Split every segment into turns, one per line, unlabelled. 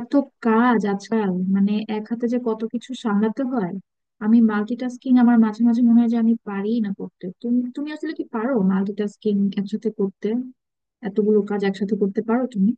এত কাজ আজকাল, মানে এক হাতে যে কত কিছু সামলাতে হয়। আমি মাল্টিটাস্কিং, আমার মাঝে মাঝে মনে হয় যে আমি পারি না করতে। তুমি তুমি আসলে কি পারো মাল্টিটাস্কিং একসাথে করতে? এতগুলো কাজ একসাথে করতে পারো তুমি?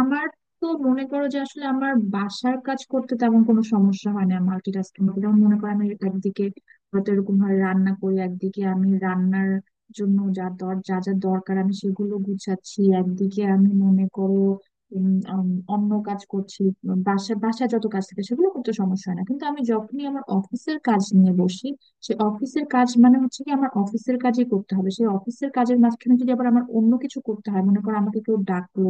আমার তো মনে করো যে আসলে আমার বাসার কাজ করতে তেমন কোনো সমস্যা হয় না মাল্টিটাস্কিং করতে। যেমন মনে করো আমি একদিকে হয়তো এরকম হয় রান্না করি, একদিকে আমি রান্নার জন্য যা যা দরকার আমি সেগুলো গুছাচ্ছি, একদিকে আমি মনে করো উম, আম, অন্য কাজ করছি। বাসা বাসা যত কাজ থাকে সেগুলো করতে সমস্যা হয় না, কিন্তু আমি যখনই আমার অফিসের কাজ নিয়ে বসি, সে অফিসের কাজ মানে হচ্ছে কি আমার অফিসের কাজই করতে হবে। সেই অফিসের কাজের মাঝখানে যদি আবার আমার অন্য কিছু করতে হয়, মনে করো আমাকে কেউ ডাকলো,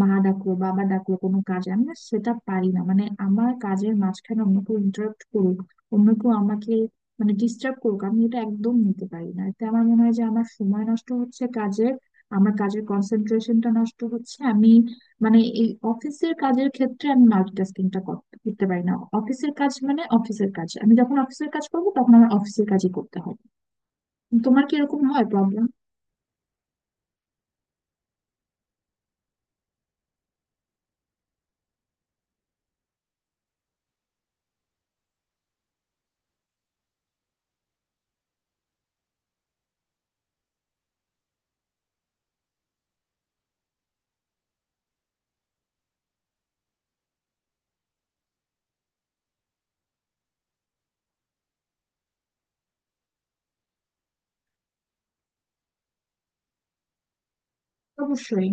মা ডাকলো, বাবা ডাকলো কোনো কাজে, আমি না সেটা পারি না। মানে আমার কাজের মাঝখানে অন্য কেউ ইন্টারাপ্ট করুক, অন্য কেউ আমাকে মানে ডিস্টার্ব করুক, আমি এটা একদম নিতে পারি না। এতে আমার মনে হয় যে আমার সময় নষ্ট হচ্ছে কাজের, আমার কাজের কনসেন্ট্রেশনটা নষ্ট হচ্ছে। আমি মানে এই অফিসের কাজের ক্ষেত্রে আমি মাল্টিটাস্কিংটা করতে পারি না। অফিসের কাজ মানে অফিসের কাজ, আমি যখন অফিসের কাজ করবো তখন আমার অফিসের কাজই করতে হবে। তোমার কি এরকম হয় প্রবলেম? অবশ্যই।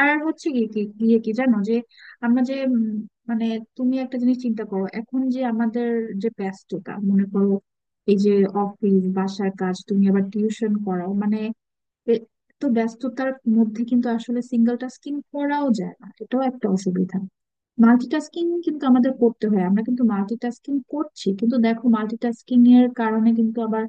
আর হচ্ছে কি, কি গিয়ে কি জানো যে আমরা যে মানে, তুমি একটা জিনিস চিন্তা করো এখন, যে আমাদের যে ব্যস্ততা মনে করো, এই যে অফিস, বাসার কাজ, তুমি আবার টিউশন করাও, মানে এ- এত ব্যস্ততার মধ্যে কিন্তু আসলে সিঙ্গেল টাস্কিং করাও যায় না, এটাও একটা অসুবিধা। মাল্টিটাস্কিং কিন্তু আমাদের করতে হয়, আমরা কিন্তু মাল্টিটাস্কিং করছি। কিন্তু দেখো মাল্টিটাস্কিং এর কারণে কিন্তু আবার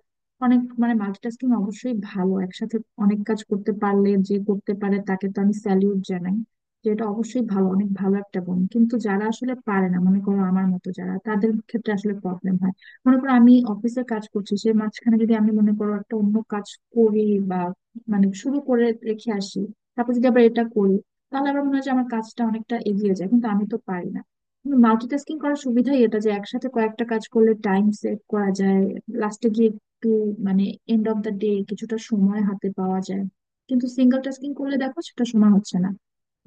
অনেক মানে, মাল্টিটাস্কিং অবশ্যই ভালো। একসাথে অনেক কাজ করতে পারলে, যে করতে পারে তাকে তো আমি স্যালিউট জানাই, যে এটা অবশ্যই ভালো, অনেক ভালো একটা গুণ। কিন্তু যারা আসলে পারে না, মনে করো আমার মতো যারা, তাদের ক্ষেত্রে আসলে প্রবলেম হয়। মনে করো আমি অফিসের কাজ করছি, সে মাঝখানে যদি আমি মনে করো একটা অন্য কাজ করি, বা মানে শুরু করে রেখে আসি, তারপর যদি আবার এটা করি, তাহলে আমার মনে হয় যে আমার কাজটা অনেকটা এগিয়ে যায়, কিন্তু আমি তো পারি না। মাল্টিটাস্কিং করার সুবিধাই এটা যে একসাথে কয়েকটা কাজ করলে টাইম সেভ করা যায়, লাস্টে গিয়ে একটু মানে এন্ড অফ দ্য ডে কিছুটা সময় হাতে পাওয়া যায়। কিন্তু সিঙ্গেল টাস্কিং করলে দেখো সেটা সময় হচ্ছে না।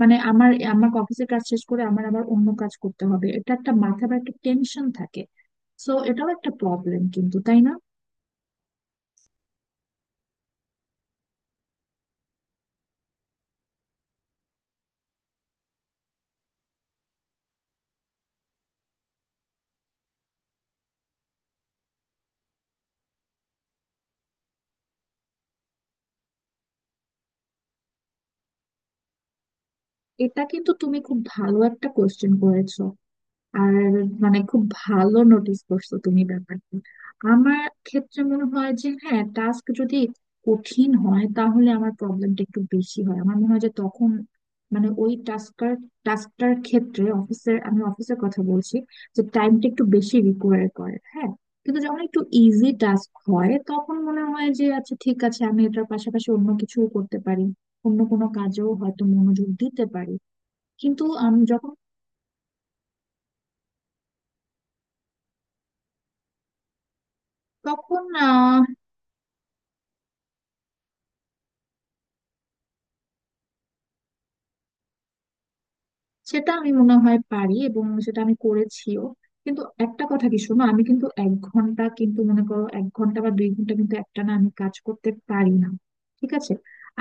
মানে আমার আমার অফিসের কাজ শেষ করে আমার আবার অন্য কাজ করতে হবে, এটা একটা মাথা বা একটা টেনশন থাকে। সো এটাও একটা প্রবলেম কিন্তু, তাই না? এটা কিন্তু তুমি খুব ভালো একটা কোশ্চেন করেছো। আর মানে খুব ভালো নোটিস করছো তুমি ব্যাপারটা। আমার ক্ষেত্রে মনে হয় যে হ্যাঁ, টাস্ক যদি কঠিন হয় তাহলে আমার প্রবলেমটা একটু বেশি হয়। আমার মনে হয় যে তখন মানে ওই টাস্কটার টাস্কটার ক্ষেত্রে, অফিসের, আমি অফিসের কথা বলছি, যে টাইমটা একটু বেশি রিকোয়ার করে, হ্যাঁ। কিন্তু যখন একটু ইজি টাস্ক হয় তখন মনে হয় যে আচ্ছা ঠিক আছে, আমি এটার পাশাপাশি অন্য কিছুও করতে পারি, অন্য কোনো কাজেও হয়তো মনোযোগ দিতে পারি। কিন্তু আমি যখন তখন, সেটা আমি মনে হয় পারি, এবং সেটা আমি করেছিও। কিন্তু একটা কথা কি শোনো, আমি কিন্তু 1 ঘন্টা, কিন্তু মনে করো 1 ঘন্টা বা 2 ঘন্টা কিন্তু একটানা আমি কাজ করতে পারি না, ঠিক আছে।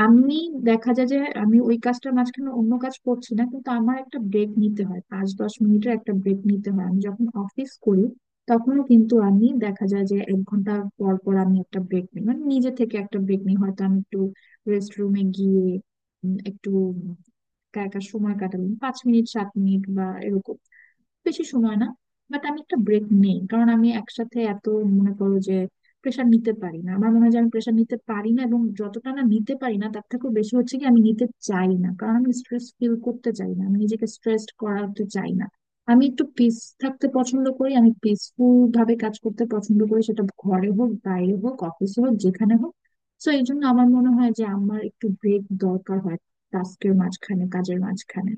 আমি দেখা যায় যে আমি ওই কাজটার মাঝখানে অন্য কাজ করছি না, কিন্তু আমার একটা ব্রেক নিতে হয়, 5-10 মিনিটের একটা ব্রেক নিতে হয়। আমি যখন অফিস করি তখনও কিন্তু আমি দেখা যায় যে 1 ঘন্টা পর পর আমি একটা ব্রেক নিই, মানে নিজে থেকে একটা ব্রেক নিই। হয়তো আমি একটু রেস্ট রুমে গিয়ে একটু একা একা সময় কাটালেন, 5 মিনিট 7 মিনিট বা এরকম, বেশি সময় না। বাট আমি একটা ব্রেক নেই, কারণ আমি একসাথে এত মনে করো যে প্রেশার নিতে পারি না। আমার মনে হয় যে আমি প্রেশার নিতে পারি না, এবং যতটা না নিতে পারি না তার থেকেও বেশি হচ্ছে কি আমি নিতে চাই না, কারণ আমি স্ট্রেস ফিল করতে চাই না, আমি নিজেকে স্ট্রেসড করাতে চাই না। আমি একটু পিস থাকতে পছন্দ করি, আমি পিসফুল ভাবে কাজ করতে পছন্দ করি, সেটা ঘরে হোক, বাইরে হোক, অফিসে হোক, যেখানে হোক। তো এই জন্য আমার মনে হয় যে আমার একটু ব্রেক দরকার হয় টাস্কের মাঝখানে, কাজের মাঝখানে।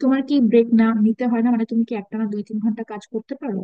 তোমার কি ব্রেক না নিতে হয় না, মানে তুমি কি একটানা 2-3 ঘন্টা কাজ করতে পারো?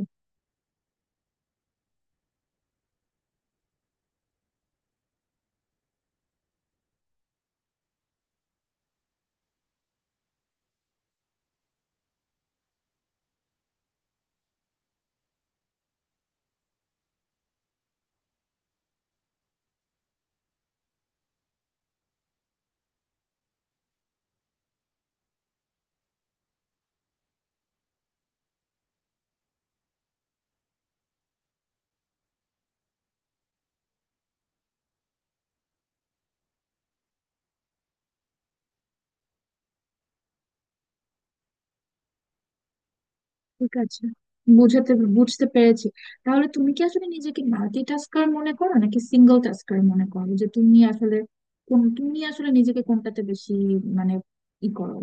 ঠিক আছে, বুঝাতে বুঝতে পেরেছি। তাহলে তুমি কি আসলে নিজেকে মাল্টিটাস্কার মনে করো নাকি সিঙ্গেল টাস্কার মনে করো, যে তুমি আসলে কোন, তুমি আসলে নিজেকে কোনটাতে বেশি মানে ই করো?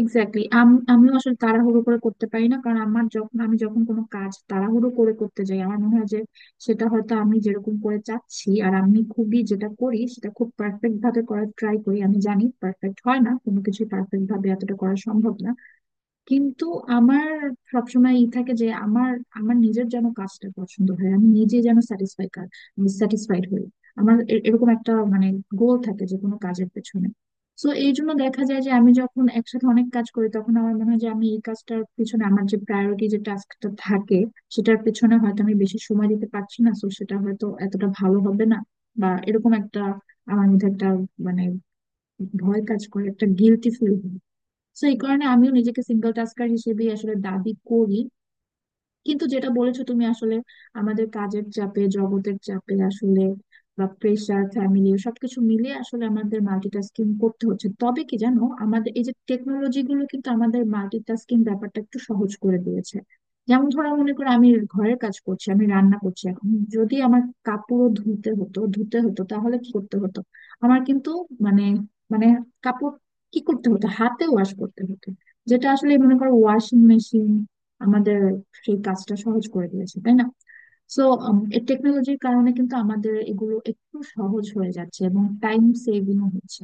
এক্স্যাক্টলি, আমিও আসলে তাড়াহুড়ো করে করতে পারি না, কারণ আমার যখন, আমি যখন কোনো কাজ তাড়াহুড়ো করে করতে যাই, আমার মনে হয় যে সেটা হয়তো আমি যেরকম করে চাচ্ছি। আর আমি খুবই যেটা করি সেটা খুব পারফেক্ট ভাবে করার ট্রাই করি। আমি জানি পারফেক্ট হয় না কোনো কিছু, পারফেক্ট ভাবে এতটা করা সম্ভব না, কিন্তু আমার সবসময় ই থাকে যে আমার, আমার নিজের যেন কাজটা পছন্দ হয়, আমি নিজে যেন স্যাটিসফাইড হই। আমার এরকম একটা মানে গোল থাকে যে কোনো কাজের পেছনে। তো এই জন্য দেখা যায় যে আমি যখন একসাথে অনেক কাজ করি তখন আমার মনে হয় যে আমি এই কাজটার পিছনে, আমার যে প্রায়োরিটি যে টাস্কটা থাকে সেটার পেছনে হয়তো আমি বেশি সময় দিতে পারছি না, তো সেটা হয়তো এতটা ভালো হবে না, বা এরকম একটা আমার মধ্যে একটা মানে ভয় কাজ করে, একটা গিলটি ফিল। তো এই কারণে আমিও নিজেকে সিঙ্গেল টাস্কার হিসেবে আসলে দাবি করি। কিন্তু যেটা বলেছো তুমি আসলে, আমাদের কাজের চাপে, জগতের চাপে আসলে, বা প্রেশার, ফ্যামিলি সবকিছু মিলিয়ে আসলে আমাদের মাল্টিটাস্কিং করতে হচ্ছে। তবে কি জানো, আমাদের এই যে টেকনোলজি গুলো কিন্তু আমাদের মাল্টিটাস্কিং ব্যাপারটা একটু সহজ করে দিয়েছে। যেমন ধরো, মনে করো আমি ঘরের কাজ করছি, আমি রান্না করছি, এখন যদি আমার কাপড় ধুতে হতো, তাহলে কি করতে হতো? আমার কিন্তু মানে, মানে কাপড়, কি করতে হতো, হাতে ওয়াশ করতে হতো, যেটা আসলে মনে করো ওয়াশিং মেশিন আমাদের সেই কাজটা সহজ করে দিয়েছে, তাই না? সো এই টেকনোলজির কারণে কিন্তু আমাদের এগুলো একটু সহজ হয়ে যাচ্ছে এবং টাইম সেভিং হচ্ছে।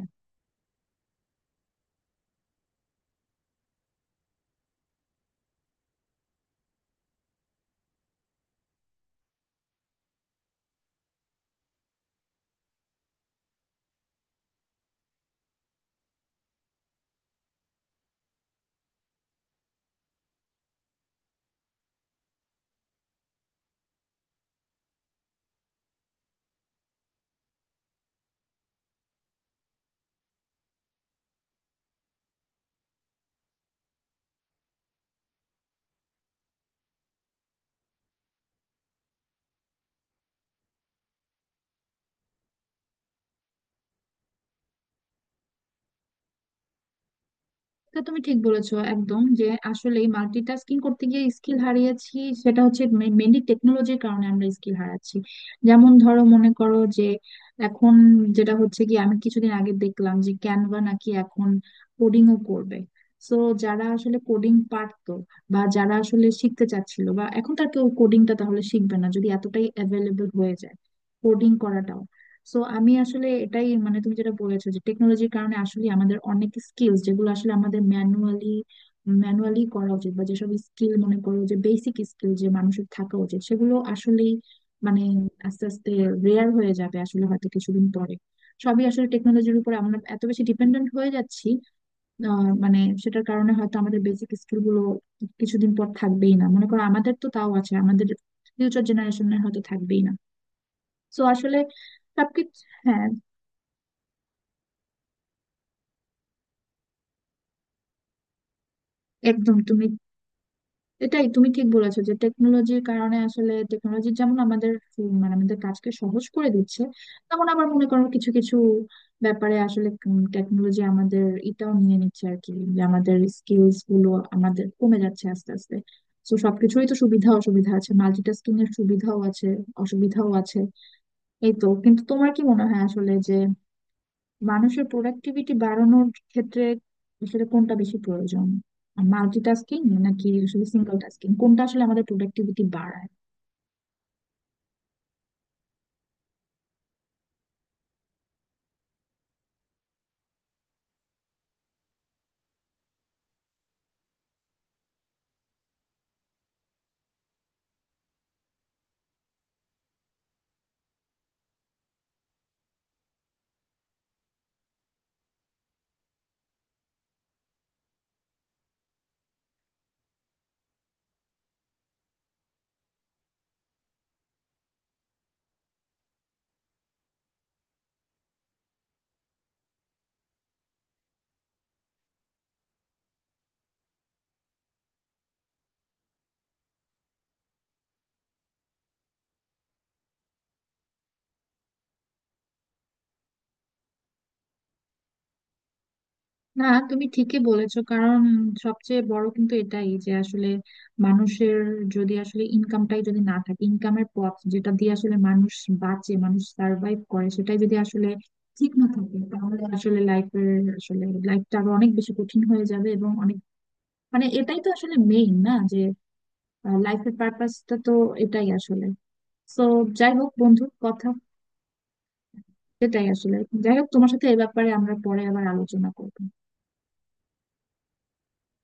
তা তুমি ঠিক বলেছো একদম, যে আসলে মাল্টিটাস্কিং করতে গিয়ে স্কিল হারিয়েছি সেটা হচ্ছে মেনলি টেকনোলজির কারণে আমরা স্কিল হারাচ্ছি। যেমন ধরো, মনে করো যে এখন যেটা হচ্ছে কি, আমি কিছুদিন আগে দেখলাম যে ক্যানভা নাকি এখন কোডিংও করবে। সো যারা আসলে কোডিং পারতো বা যারা আসলে শিখতে চাচ্ছিল, বা এখন তার কেউ কোডিংটা তাহলে শিখবে না যদি এতটাই অ্যাভেলেবল হয়ে যায় কোডিং করাটাও। সো আমি আসলে এটাই মানে, তুমি যেটা বলেছো যে টেকনোলজির কারণে আসলে আমাদের অনেক স্কিলস যেগুলো আসলে আমাদের ম্যানুয়ালি ম্যানুয়ালি করা উচিত, বা যেসব স্কিল মনে করো যে বেসিক স্কিল যে মানুষের থাকা উচিত, সেগুলো আসলেই মানে আস্তে আস্তে রেয়ার হয়ে যাবে আসলে, হয়তো কিছুদিন পরে। সবই আসলে টেকনোলজির উপর আমরা এত বেশি ডিপেন্ডেন্ট হয়ে যাচ্ছি। মানে সেটার কারণে হয়তো আমাদের বেসিক স্কিল গুলো কিছুদিন পর থাকবেই না। মনে করো আমাদের তো তাও আছে, আমাদের ফিউচার জেনারেশনের হয়তো থাকবেই না। সো আসলে সবকিছু, হ্যাঁ। একদম তুমি, এটাই তুমি ঠিক বলেছো, যে টেকনোলজির কারণে আসলে টেকনোলজি যেমন আমাদের মানে আমাদের কাজকে সহজ করে দিচ্ছে, তেমন আবার মনে করো কিছু কিছু ব্যাপারে আসলে টেকনোলজি আমাদের এটাও নিয়ে নিচ্ছে আর কি, যে আমাদের স্কিলস গুলো আমাদের কমে যাচ্ছে আস্তে আস্তে। তো সবকিছুরই তো সুবিধা অসুবিধা আছে, মাল্টিটাস্কিং এর সুবিধাও আছে, অসুবিধাও আছে, এই তো। কিন্তু তোমার কি মনে হয় আসলে যে মানুষের প্রোডাক্টিভিটি বাড়ানোর ক্ষেত্রে আসলে কোনটা বেশি প্রয়োজন, মাল্টিটাস্কিং নাকি আসলে সিঙ্গেল টাস্কিং, কোনটা আসলে আমাদের প্রোডাক্টিভিটি বাড়ায়? না, তুমি ঠিকই বলেছো, কারণ সবচেয়ে বড় কিন্তু এটাই যে আসলে মানুষের যদি আসলে ইনকামটাই যদি না থাকে, ইনকামের পথ যেটা দিয়ে আসলে মানুষ বাঁচে, মানুষ সার্ভাইভ করে, সেটাই যদি আসলে ঠিক না থাকে তাহলে আসলে লাইফের, আসলে লাইফটা আরো অনেক বেশি কঠিন হয়ে যাবে এবং অনেক মানে এটাই তো আসলে মেইন না, যে আর লাইফের পারপাসটা তো এটাই আসলে। তো যাই হোক বন্ধু, কথা এটাই আসলে, যাই হোক, তোমার সাথে এই ব্যাপারে আমরা পরে আবার আলোচনা করবো।